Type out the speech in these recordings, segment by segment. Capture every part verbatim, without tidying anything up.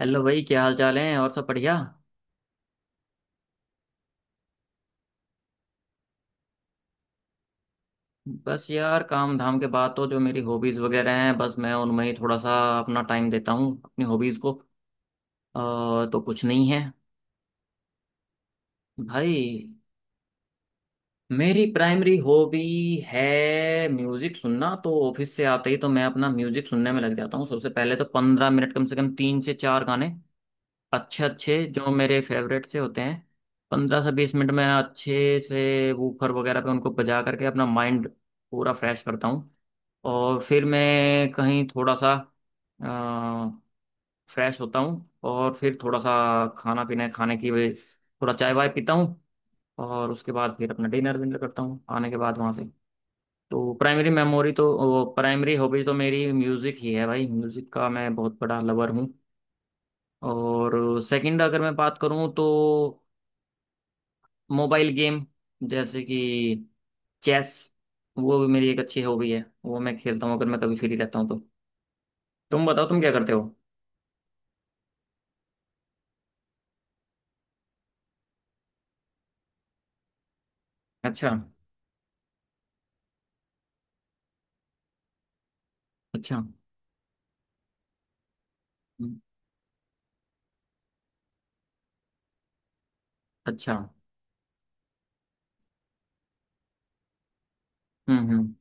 Hello भाई, क्या हाल चाल है? और सब बढ़िया? बस यार, काम धाम के बाद तो जो मेरी हॉबीज़ वगैरह हैं, बस मैं उनमें ही थोड़ा सा अपना टाइम देता हूँ, अपनी हॉबीज़ को। अ, तो कुछ नहीं है भाई। मेरी प्राइमरी हॉबी है म्यूज़िक सुनना। तो ऑफिस से आते ही तो मैं अपना म्यूज़िक सुनने में लग जाता हूँ सबसे पहले। तो पंद्रह मिनट कम से कम, तीन से चार गाने अच्छे अच्छे, जो मेरे फेवरेट से होते हैं, पंद्रह से बीस मिनट में अच्छे से वूफर वगैरह पे उनको बजा करके अपना माइंड पूरा फ्रेश करता हूँ। और फिर मैं कहीं थोड़ा सा फ्रेश होता हूँ, और फिर थोड़ा सा खाना पीना खाने की वजह थोड़ा चाय वाय पीता हूँ। और उसके बाद फिर अपना डिनर विनर करता हूँ आने के बाद वहाँ से। तो प्राइमरी मेमोरी तो, वो प्राइमरी हॉबी तो मेरी म्यूज़िक ही है भाई। म्यूज़िक का मैं बहुत बड़ा लवर हूँ। और सेकंड अगर मैं बात करूँ तो मोबाइल गेम, जैसे कि चेस, वो भी मेरी एक अच्छी हॉबी है। वो मैं खेलता हूँ अगर मैं कभी फ्री रहता हूँ तो। तुम बताओ, तुम क्या करते हो? अच्छा। अच्छा। हम्म। अच्छा। हम्म हम्म।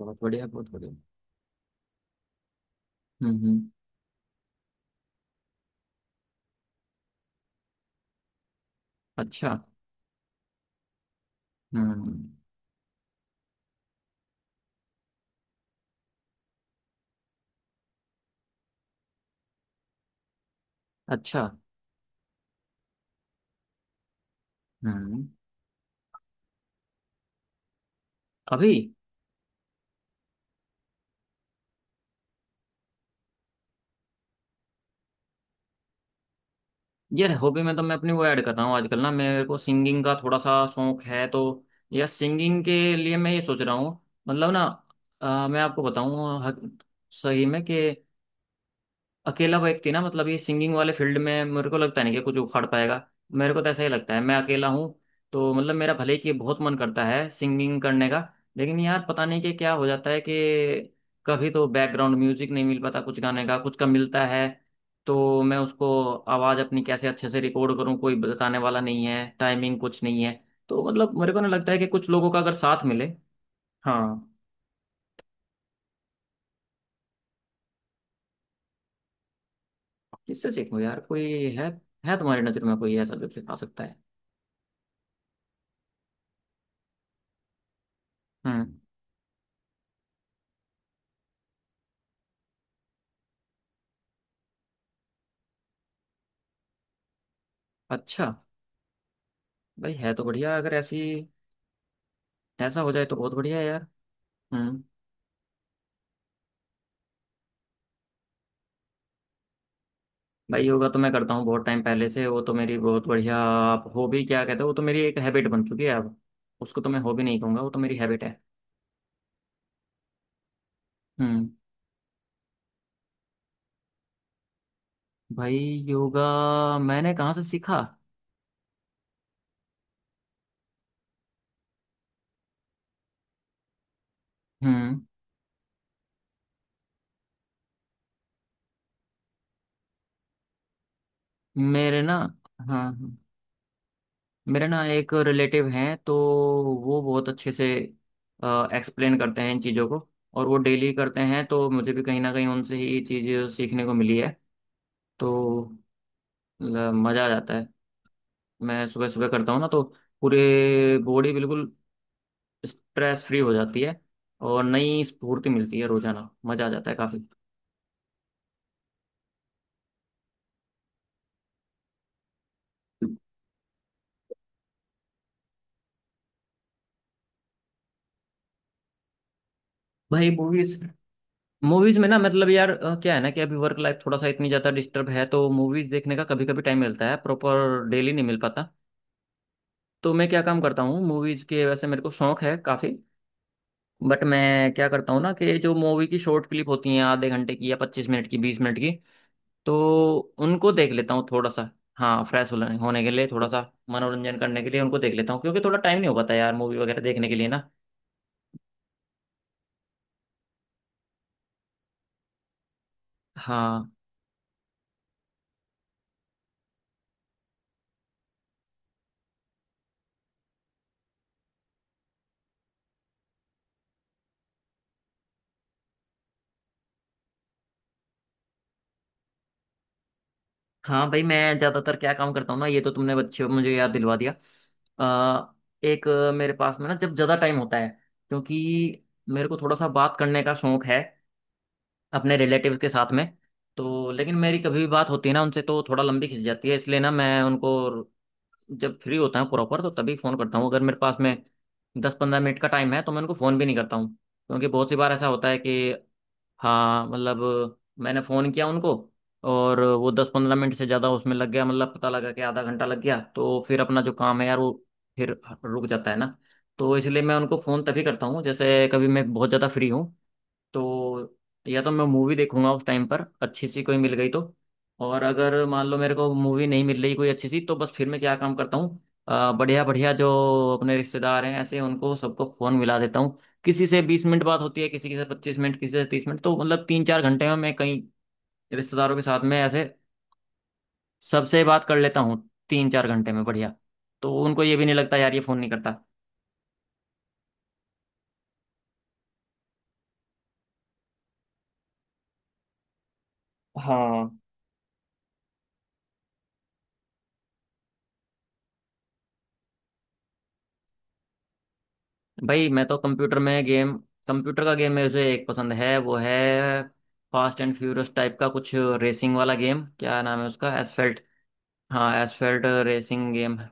बहुत बढ़िया, बहुत बढ़िया। हम्म हम्म। अच्छा। हम्म। अच्छा। हम्म। अभी। यार हॉबी में तो मैं अपनी वो ऐड कर रहा हूँ आजकल ना, मेरे को सिंगिंग का थोड़ा सा शौक है। तो यार, सिंगिंग के लिए मैं ये सोच रहा हूँ। मतलब ना, अ, मैं आपको बताऊँ सही में कि अकेला व्यक्ति ना, मतलब ये सिंगिंग वाले फील्ड में मेरे को लगता नहीं कि कुछ उखाड़ पाएगा। मेरे को तो ऐसा ही लगता है, मैं अकेला हूँ। तो मतलब मेरा भले ही कि बहुत मन करता है सिंगिंग करने का, लेकिन यार पता नहीं कि क्या हो जाता है कि कभी तो बैकग्राउंड म्यूजिक नहीं मिल पाता कुछ गाने का, कुछ का मिलता है, तो मैं उसको आवाज़ अपनी कैसे अच्छे से रिकॉर्ड करूँ, कोई बताने वाला नहीं है, टाइमिंग कुछ नहीं है। तो मतलब मेरे को ना लगता है कि कुछ लोगों का अगर साथ मिले। हाँ। किससे सीखूँ यार, कोई है? है तुम्हारी नज़र में कोई ऐसा जो सिखा सकता है? हम्म। अच्छा। भाई, है तो बढ़िया। अगर ऐसी, ऐसा हो जाए तो बहुत बढ़िया है यार। हम्म। भाई योगा तो मैं करता हूँ बहुत टाइम पहले से। वो तो मेरी बहुत बढ़िया आप हॉबी क्या कहते हो, वो तो मेरी एक हैबिट बन चुकी है अब। उसको तो मैं हॉबी नहीं कहूँगा, वो तो मेरी हैबिट है। हम्म। भाई, योगा मैंने कहाँ से सीखा? हम्म। मेरे ना, हाँ हाँ, मेरे ना एक रिलेटिव हैं, तो वो बहुत अच्छे से एक्सप्लेन करते हैं इन चीज़ों को, और वो डेली करते हैं। तो मुझे भी कहीं ना कहीं उनसे ही ये चीज़ सीखने को मिली है। तो मतलब मजा आ जाता है। मैं सुबह सुबह करता हूँ ना, तो पूरे बॉडी बिल्कुल स्ट्रेस फ्री हो जाती है, और नई स्फूर्ति मिलती है रोजाना। मजा आ जाता है काफी। भाई मूवीज, मूवीज में ना, मतलब यार, अ, क्या है ना कि अभी वर्क लाइफ थोड़ा सा इतनी ज्यादा डिस्टर्ब है, तो मूवीज देखने का कभी कभी टाइम मिलता है, प्रॉपर डेली नहीं मिल पाता। तो मैं क्या काम करता हूँ मूवीज के, वैसे मेरे को शौक है काफी, बट मैं क्या करता हूँ ना, कि जो मूवी की शॉर्ट क्लिप होती हैं आधे घंटे की या पच्चीस मिनट की, बीस मिनट की, तो उनको देख लेता हूँ थोड़ा सा। हाँ, फ्रेश होने होने के लिए थोड़ा सा मनोरंजन करने के लिए उनको देख लेता हूँ, क्योंकि थोड़ा टाइम नहीं हो पाता यार मूवी वगैरह देखने के लिए ना। हाँ। हाँ भाई, मैं ज़्यादातर क्या काम करता हूँ ना, ये तो तुमने बच्चे मुझे याद दिलवा दिया। अ, एक, अ, मेरे पास में ना जब ज़्यादा टाइम होता है, क्योंकि मेरे को थोड़ा सा बात करने का शौक है अपने रिलेटिव्स के साथ में। तो लेकिन मेरी कभी भी बात होती है ना उनसे, तो थोड़ा लंबी खिंच जाती है। इसलिए ना मैं उनको जब फ्री होता हूँ प्रॉपर, तो तभी फ़ोन करता हूँ। अगर मेरे पास में दस पंद्रह मिनट का टाइम है, तो मैं उनको फ़ोन भी नहीं करता हूँ, क्योंकि बहुत सी बार ऐसा होता है कि हाँ, मतलब मैंने फ़ोन किया उनको, और वो दस पंद्रह मिनट से ज़्यादा उसमें लग गया, मतलब पता लगा कि आधा घंटा लग गया, तो फिर अपना जो काम है यार, वो फिर रुक जाता है ना। तो इसलिए मैं उनको फ़ोन तभी करता हूँ जैसे कभी मैं बहुत ज़्यादा फ्री हूँ। तो या तो मैं मूवी देखूंगा उस टाइम पर अच्छी सी कोई मिल गई तो, और अगर मान लो मेरे को मूवी नहीं मिल रही कोई अच्छी सी, तो बस फिर मैं क्या काम करता हूँ, अ, बढ़िया बढ़िया जो अपने रिश्तेदार हैं ऐसे, उनको सबको फोन मिला देता हूँ। किसी से बीस मिनट बात होती है, किसी से पच्चीस मिनट, किसी से तीस मिनट, तो मतलब तीन चार घंटे में मैं कई रिश्तेदारों के साथ में ऐसे सबसे बात कर लेता हूँ, तीन चार घंटे में। बढ़िया। तो उनको ये भी नहीं लगता यार ये फोन नहीं करता। हाँ भाई, मैं तो कंप्यूटर में गेम, कंप्यूटर का गेम मुझे एक पसंद है। वो है फास्ट एंड फ्यूरियस टाइप का कुछ रेसिंग वाला गेम। क्या नाम है उसका, एसफेल्ट। हाँ, एसफेल्ट रेसिंग गेम है,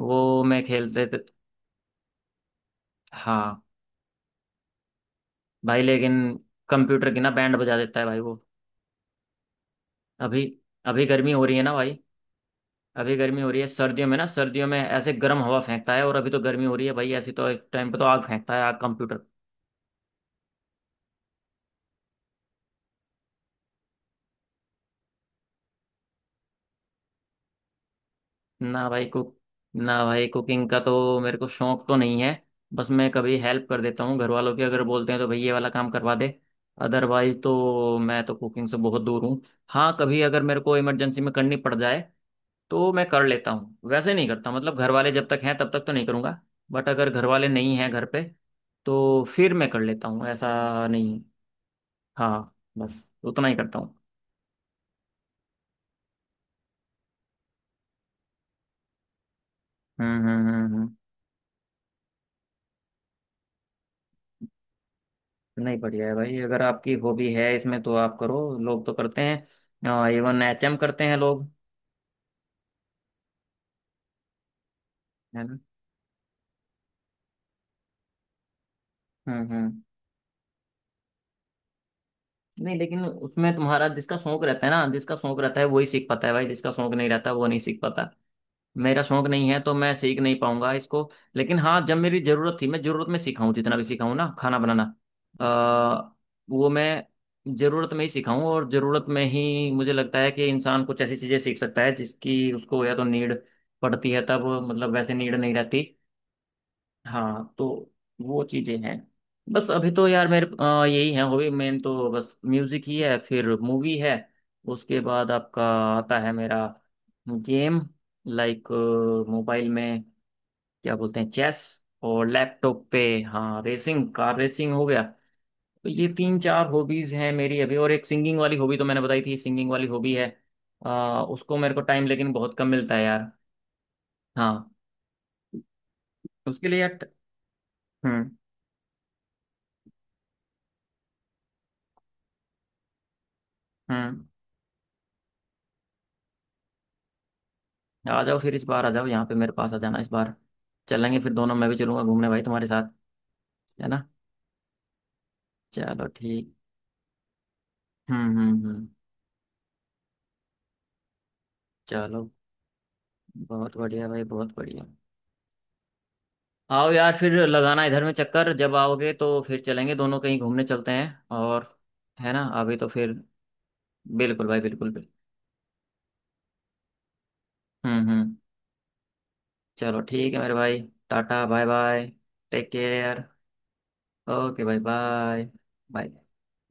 वो मैं खेलते थे। हाँ भाई, लेकिन कंप्यूटर की ना बैंड बजा देता है भाई वो। अभी, अभी गर्मी हो रही है ना भाई। अभी गर्मी हो रही है। सर्दियों में ना, सर्दियों में ऐसे गर्म हवा फेंकता है, और अभी तो गर्मी हो रही है भाई ऐसी, तो इस टाइम पे तो आग फेंकता है, आग, कंप्यूटर। ना भाई कुक ना भाई, कुकिंग का तो मेरे को शौक तो नहीं है। बस मैं कभी हेल्प कर देता हूँ घर वालों की, अगर बोलते हैं तो, भाई ये वाला काम करवा दे। अदरवाइज तो मैं तो कुकिंग से बहुत दूर हूँ। हाँ, कभी अगर मेरे को इमरजेंसी में करनी पड़ जाए, तो मैं कर लेता हूँ। वैसे नहीं करता, मतलब घर वाले जब तक हैं, तब तक तो नहीं करूँगा। बट अगर घर वाले नहीं हैं घर पे, तो फिर मैं कर लेता हूँ, ऐसा नहीं है। हाँ, बस उतना ही करता हूँ। हम्म हम्म हम्म हम्म। नहीं, बढ़िया है भाई। अगर आपकी हॉबी है इसमें, तो आप करो। लोग तो करते हैं, इवन एचएम करते हैं लोग, है ना। हम्म हम्म। नहीं, लेकिन उसमें तुम्हारा जिसका शौक रहता है ना, जिसका शौक रहता है, वही सीख पाता है भाई। जिसका शौक नहीं रहता, वो नहीं सीख पाता। मेरा शौक नहीं है, तो मैं सीख नहीं पाऊंगा इसको। लेकिन हाँ, जब मेरी जरूरत थी, मैं जरूरत में सीखा हूँ जितना भी सीखा हूँ ना खाना बनाना। आ, वो मैं जरूरत में ही सीखा हूँ। और जरूरत में ही मुझे लगता है कि इंसान कुछ ऐसी चीजें सीख सकता है जिसकी उसको या तो नीड पड़ती है तब, मतलब वैसे नीड नहीं रहती। हाँ। तो वो चीजें हैं। बस अभी तो यार मेरे अ, यही है हॉबी। मेन तो बस म्यूजिक ही है, फिर मूवी है। उसके बाद आपका, आता है मेरा गेम, लाइक मोबाइल में क्या बोलते हैं, चेस, और लैपटॉप पे हाँ रेसिंग, कार रेसिंग हो गया। तो ये तीन चार हॉबीज हैं मेरी अभी। और एक सिंगिंग वाली हॉबी तो मैंने बताई थी, सिंगिंग वाली हॉबी है। अ, उसको मेरे को टाइम लेकिन बहुत कम मिलता है यार। हाँ। उसके लिए यार। हम्म हम्म। आ जाओ फिर, इस बार आ जाओ यहाँ पे, मेरे पास आ जाना इस बार। चलेंगे फिर दोनों, मैं भी चलूंगा घूमने भाई तुम्हारे साथ। है ना। चलो ठीक। हम्म हम्म हम्म। चलो, बहुत बढ़िया भाई, बहुत बढ़िया। आओ यार, फिर लगाना इधर में चक्कर। जब आओगे तो फिर चलेंगे दोनों, कहीं घूमने चलते हैं, और है ना। अभी तो फिर बिल्कुल भाई, बिल्कुल, बिल्कुल। हम्म हम्म। चलो ठीक है मेरे भाई, tata, bye bye. Take care. Okay भाई, बाय, बाय।